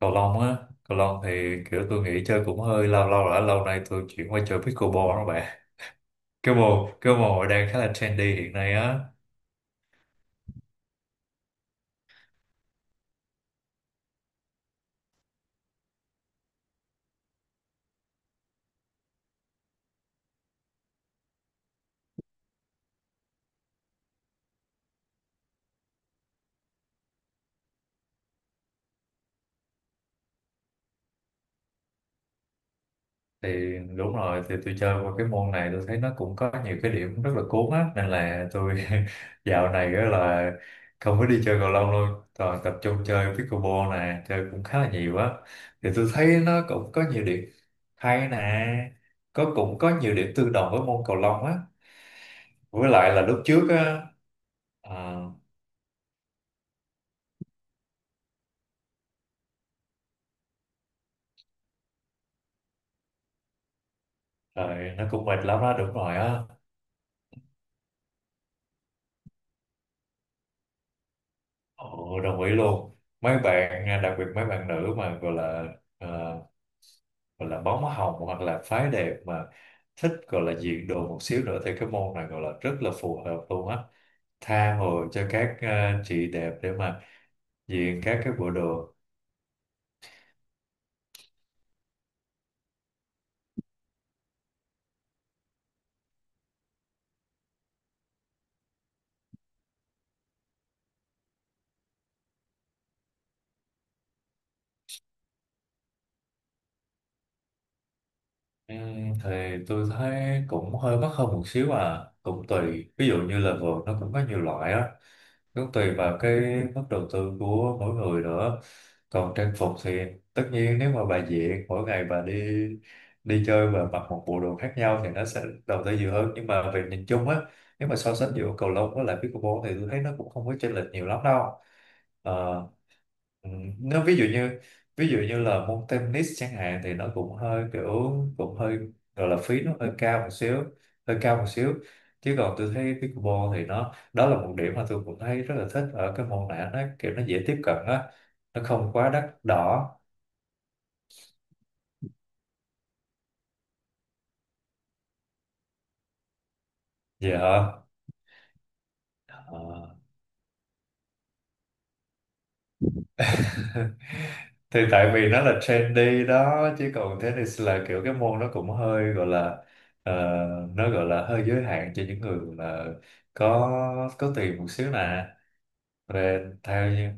Cầu lông á. Cầu lông thì kiểu tôi nghĩ chơi cũng hơi lâu lâu rồi, lâu nay tôi chuyển qua chơi pickleball đó bạn. Cái môn này đang khá là trendy hiện nay á. Thì đúng rồi, thì tôi chơi qua cái môn này tôi thấy nó cũng có nhiều cái điểm rất là cuốn á, nên là tôi dạo này á là không có đi chơi cầu lông luôn, toàn tập trung chơi pickleball nè, chơi cũng khá là nhiều á. Thì tôi thấy nó cũng có nhiều điểm hay nè, cũng có nhiều điểm tương đồng với môn cầu lông á. Với lại là lúc trước á. À, Trời, nó cũng mệt lắm đó, đúng rồi á. Ồ, đồng ý luôn. Mấy bạn, đặc biệt mấy bạn nữ mà gọi là à, gọi là bóng hồng hoặc là phái đẹp mà thích gọi là diện đồ một xíu nữa thì cái môn này gọi là rất là phù hợp luôn á. Tha hồ cho các chị đẹp để mà diện các cái bộ đồ. Thì tôi thấy cũng hơi mắc hơn một xíu à, cũng tùy. Ví dụ như là vợt nó cũng có nhiều loại á. Cũng tùy vào cái mức đầu tư của mỗi người nữa, còn trang phục thì tất nhiên nếu mà bà diện mỗi ngày bà đi đi chơi và mặc một bộ đồ khác nhau thì nó sẽ đầu tư nhiều hơn, nhưng mà về nhìn chung á, nếu mà so sánh giữa cầu lông với lại pickleball thì tôi thấy nó cũng không có chênh lệch nhiều lắm đâu. Ờ. Ừ. Nếu ví dụ như là môn tennis chẳng hạn thì nó cũng hơi kiểu cũng hơi gọi là phí nó hơi cao một xíu, hơi cao một xíu chứ còn tôi thấy pickleball thì nó đó là một điểm mà tôi cũng thấy rất là thích ở cái môn này, nó kiểu nó dễ tiếp cận á, nó không quá đắt đỏ. Dạ. Ờ. Thì tại vì nó là trendy đó, chứ còn tennis là kiểu cái môn nó cũng hơi gọi là ờ, nó gọi là hơi giới hạn cho những người là có tiền một xíu nè, về theo như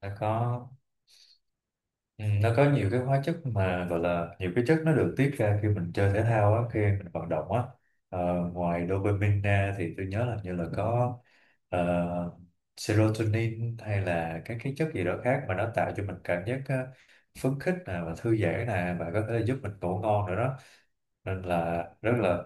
đã có. Ừ, nó có nhiều cái hóa chất mà gọi là nhiều cái chất nó được tiết ra khi mình chơi thể thao á, khi mình vận động á. Ờ, ngoài dopamine ra thì tôi nhớ là như là có ờ, serotonin hay là các cái chất gì đó khác mà nó tạo cho mình cảm giác phấn khích nè và thư giãn nè và có thể giúp mình ngủ ngon nữa đó, nên là rất là.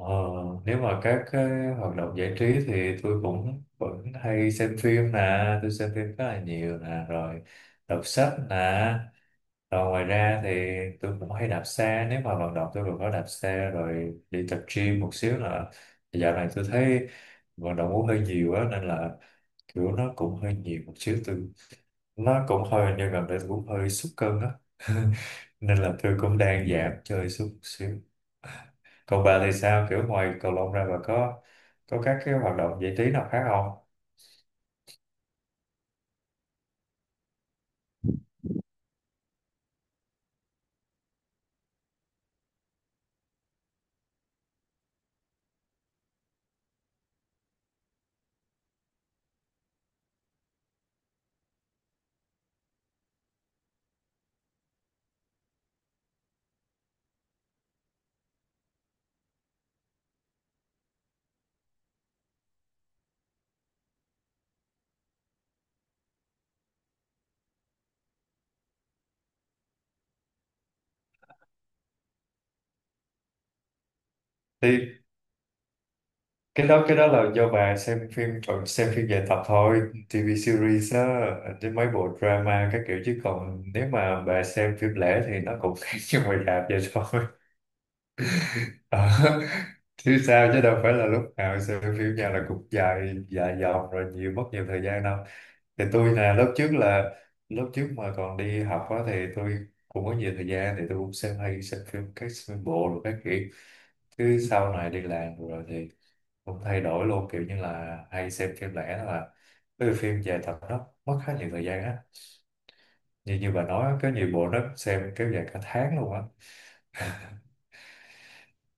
Ờ, nếu mà các cái hoạt động giải trí thì tôi cũng vẫn hay xem phim nè, tôi xem phim khá là nhiều nè, rồi đọc sách nè. Rồi ngoài ra thì tôi cũng hay đạp xe, nếu mà vận động tôi cũng có đạp xe rồi đi tập gym một xíu là dạo này tôi thấy vận động cũng hơi nhiều á nên là kiểu nó cũng hơi nhiều một xíu, tôi nó cũng hơi như gần đây tôi cũng hơi sút cân á. Nên là tôi cũng đang giảm chơi xuống xíu. Còn bà thì sao? Kiểu ngoài cầu lông ra bà có các cái hoạt động giải trí nào khác không? Thì cái đó là do bà xem phim còn xem phim dài tập thôi, TV series á, chứ mấy bộ drama các kiểu, chứ còn nếu mà bà xem phim lẻ thì nó cũng khác như ngoài rạp vậy thôi. Ờ, chứ sao chứ đâu phải là lúc nào sự phim nhà là cũng dài dài dòng rồi nhiều mất nhiều thời gian đâu. Thì tôi là lớp trước mà còn đi học á thì tôi cũng có nhiều thời gian thì tôi cũng xem hay xem phim các phim bộ rồi các kiểu, chứ sau này đi làm rồi thì cũng thay đổi luôn kiểu như là hay xem phim lẻ, đó là cái phim dài tập nó mất khá nhiều thời gian á, như như bà nói có nhiều bộ nó xem kéo dài cả tháng luôn á.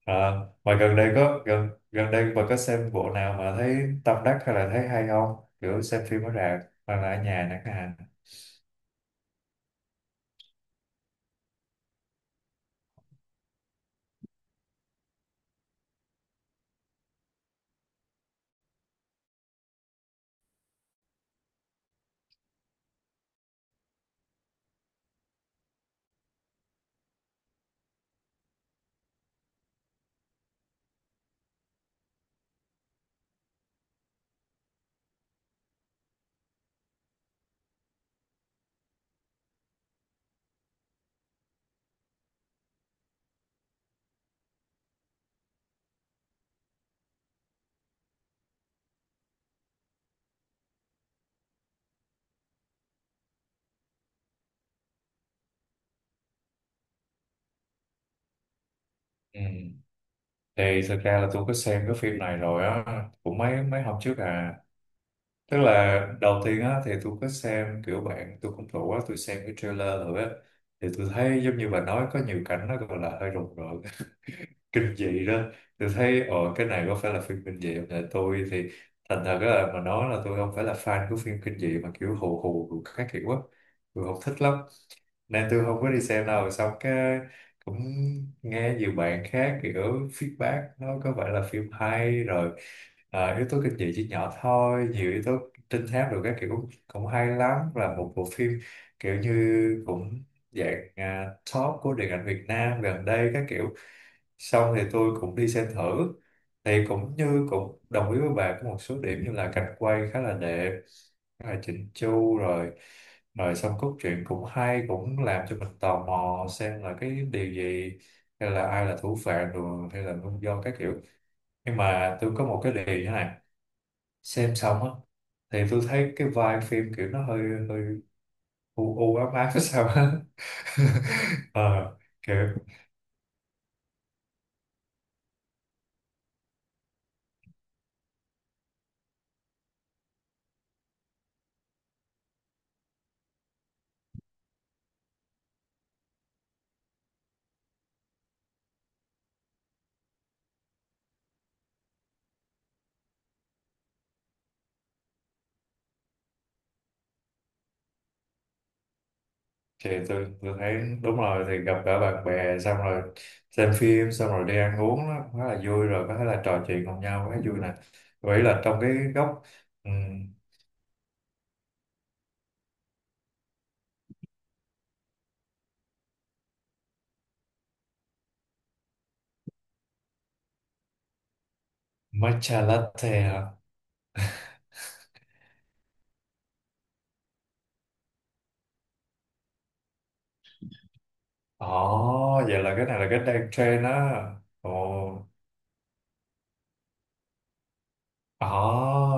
À, mà gần đây có gần gần đây bà có xem bộ nào mà thấy tâm đắc hay là thấy hay không? Kiểu xem phim ở rạp hoặc là ở nhà chẳng hạn. Ừ. Thì thực ra là tôi có xem cái phim này rồi á, cũng mấy mấy hôm trước à. Tức là đầu tiên á thì tôi có xem kiểu bạn tôi cũng rủ á, tôi xem cái trailer rồi á thì tôi thấy giống như bà nói có nhiều cảnh nó gọi là hơi rùng rợn kinh dị đó. Tôi thấy ồ cái này có phải là phim kinh dị không? Tại tôi thì thành thật là mà nói là tôi không phải là fan của phim kinh dị mà kiểu hù hù hù các kiểu á, tôi không thích lắm. Nam tôi không có đi xem đâu, xong cái cũng nghe nhiều bạn khác kiểu feedback nó có vẻ là phim hay rồi, yếu tố kinh dị chỉ nhỏ thôi, nhiều yếu tố trinh thám rồi các kiểu cũng, cũng hay lắm, là một bộ phim kiểu như cũng dạng top của điện ảnh Việt Nam gần đây các kiểu. Xong thì tôi cũng đi xem thử thì cũng như cũng đồng ý với bà có một số điểm như là cảnh quay khá là đẹp, khá là chỉnh chu rồi, rồi xong cốt truyện cũng hay, cũng làm cho mình tò mò xem là cái điều gì hay là ai là thủ phạm rồi hay là nguyên do các kiểu. Nhưng mà tôi có một cái điều như thế này, xem xong á thì tôi thấy cái vibe phim kiểu nó hơi hơi u u ám ám sao á. Ờ, kiểu thì tôi thấy đúng rồi, thì gặp cả bạn bè xong rồi xem phim xong rồi đi ăn uống nó khá là vui, rồi có thể là trò chuyện cùng nhau khá vui nè, vậy là trong cái góc. um, Matcha latte hả? Ồ, vậy là cái này là cái đang trend á. Ồ, ồ,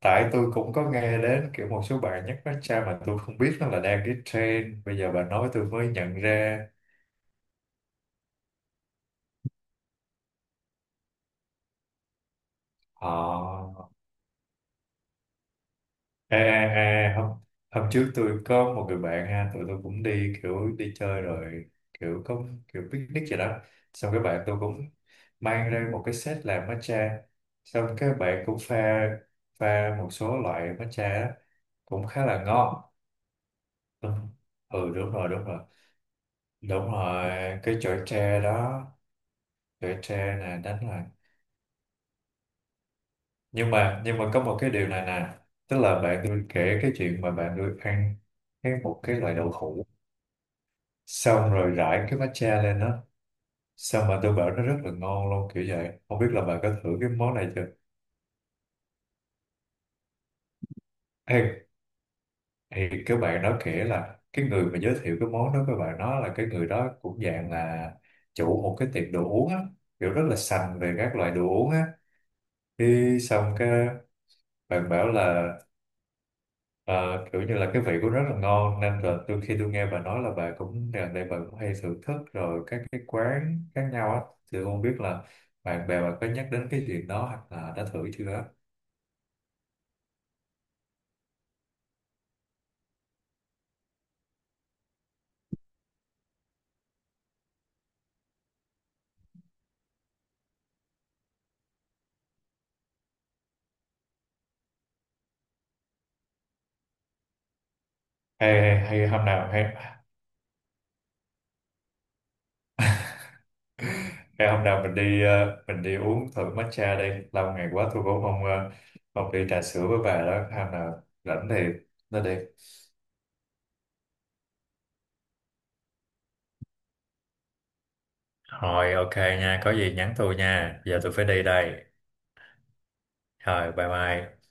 tại tôi cũng có nghe đến kiểu một số bạn nhắc matcha mà tôi không biết nó là đang cái trend. Bây giờ bà nói tôi mới nhận ra. Ồ. À, à, à, hôm trước tôi có một người bạn ha, tụi tôi cũng đi kiểu đi chơi rồi, kiểu có kiểu picnic vậy đó. Xong cái bạn tôi cũng mang ra một cái set làm matcha. Xong cái bạn cũng pha pha một số loại matcha á, cũng khá là ngon. Ừ, ừ, đúng rồi, đúng rồi. Đúng rồi, cái chổi tre đó, chổi tre này đánh là. Nhưng mà có một cái điều này nè, tức là bạn tôi kể cái chuyện mà bạn tôi ăn một cái loại đậu hũ xong rồi rải cái matcha lên đó, xong mà tôi bảo nó rất là ngon luôn kiểu vậy, không biết là bà có thử cái món này chưa. Ê, thì các bạn đó kể là cái người mà giới thiệu cái món đó, các bạn nói là cái người đó cũng dạng là chủ một cái tiệm đồ uống á, kiểu rất là sành về các loại đồ uống á, thì xong cái bạn bảo là Ờ, kiểu như là cái vị của nó rất là ngon, nên là tôi khi tôi nghe bà nói là bà cũng gần đây bà cũng hay thưởng thức rồi các cái quán khác nhau á, thì tôi không biết là bạn bè bà có nhắc đến cái chuyện đó hoặc là đã thử chưa á. Hay hôm nào hay hôm nào mình đi mình đi uống thử matcha đi, lâu ngày quá tôi cũng không không đi trà sữa với bà đó, hôm nào rảnh thì nó đi. Rồi ok nha, có gì nhắn tôi nha. Giờ tôi phải đi đây. Rồi bye bye.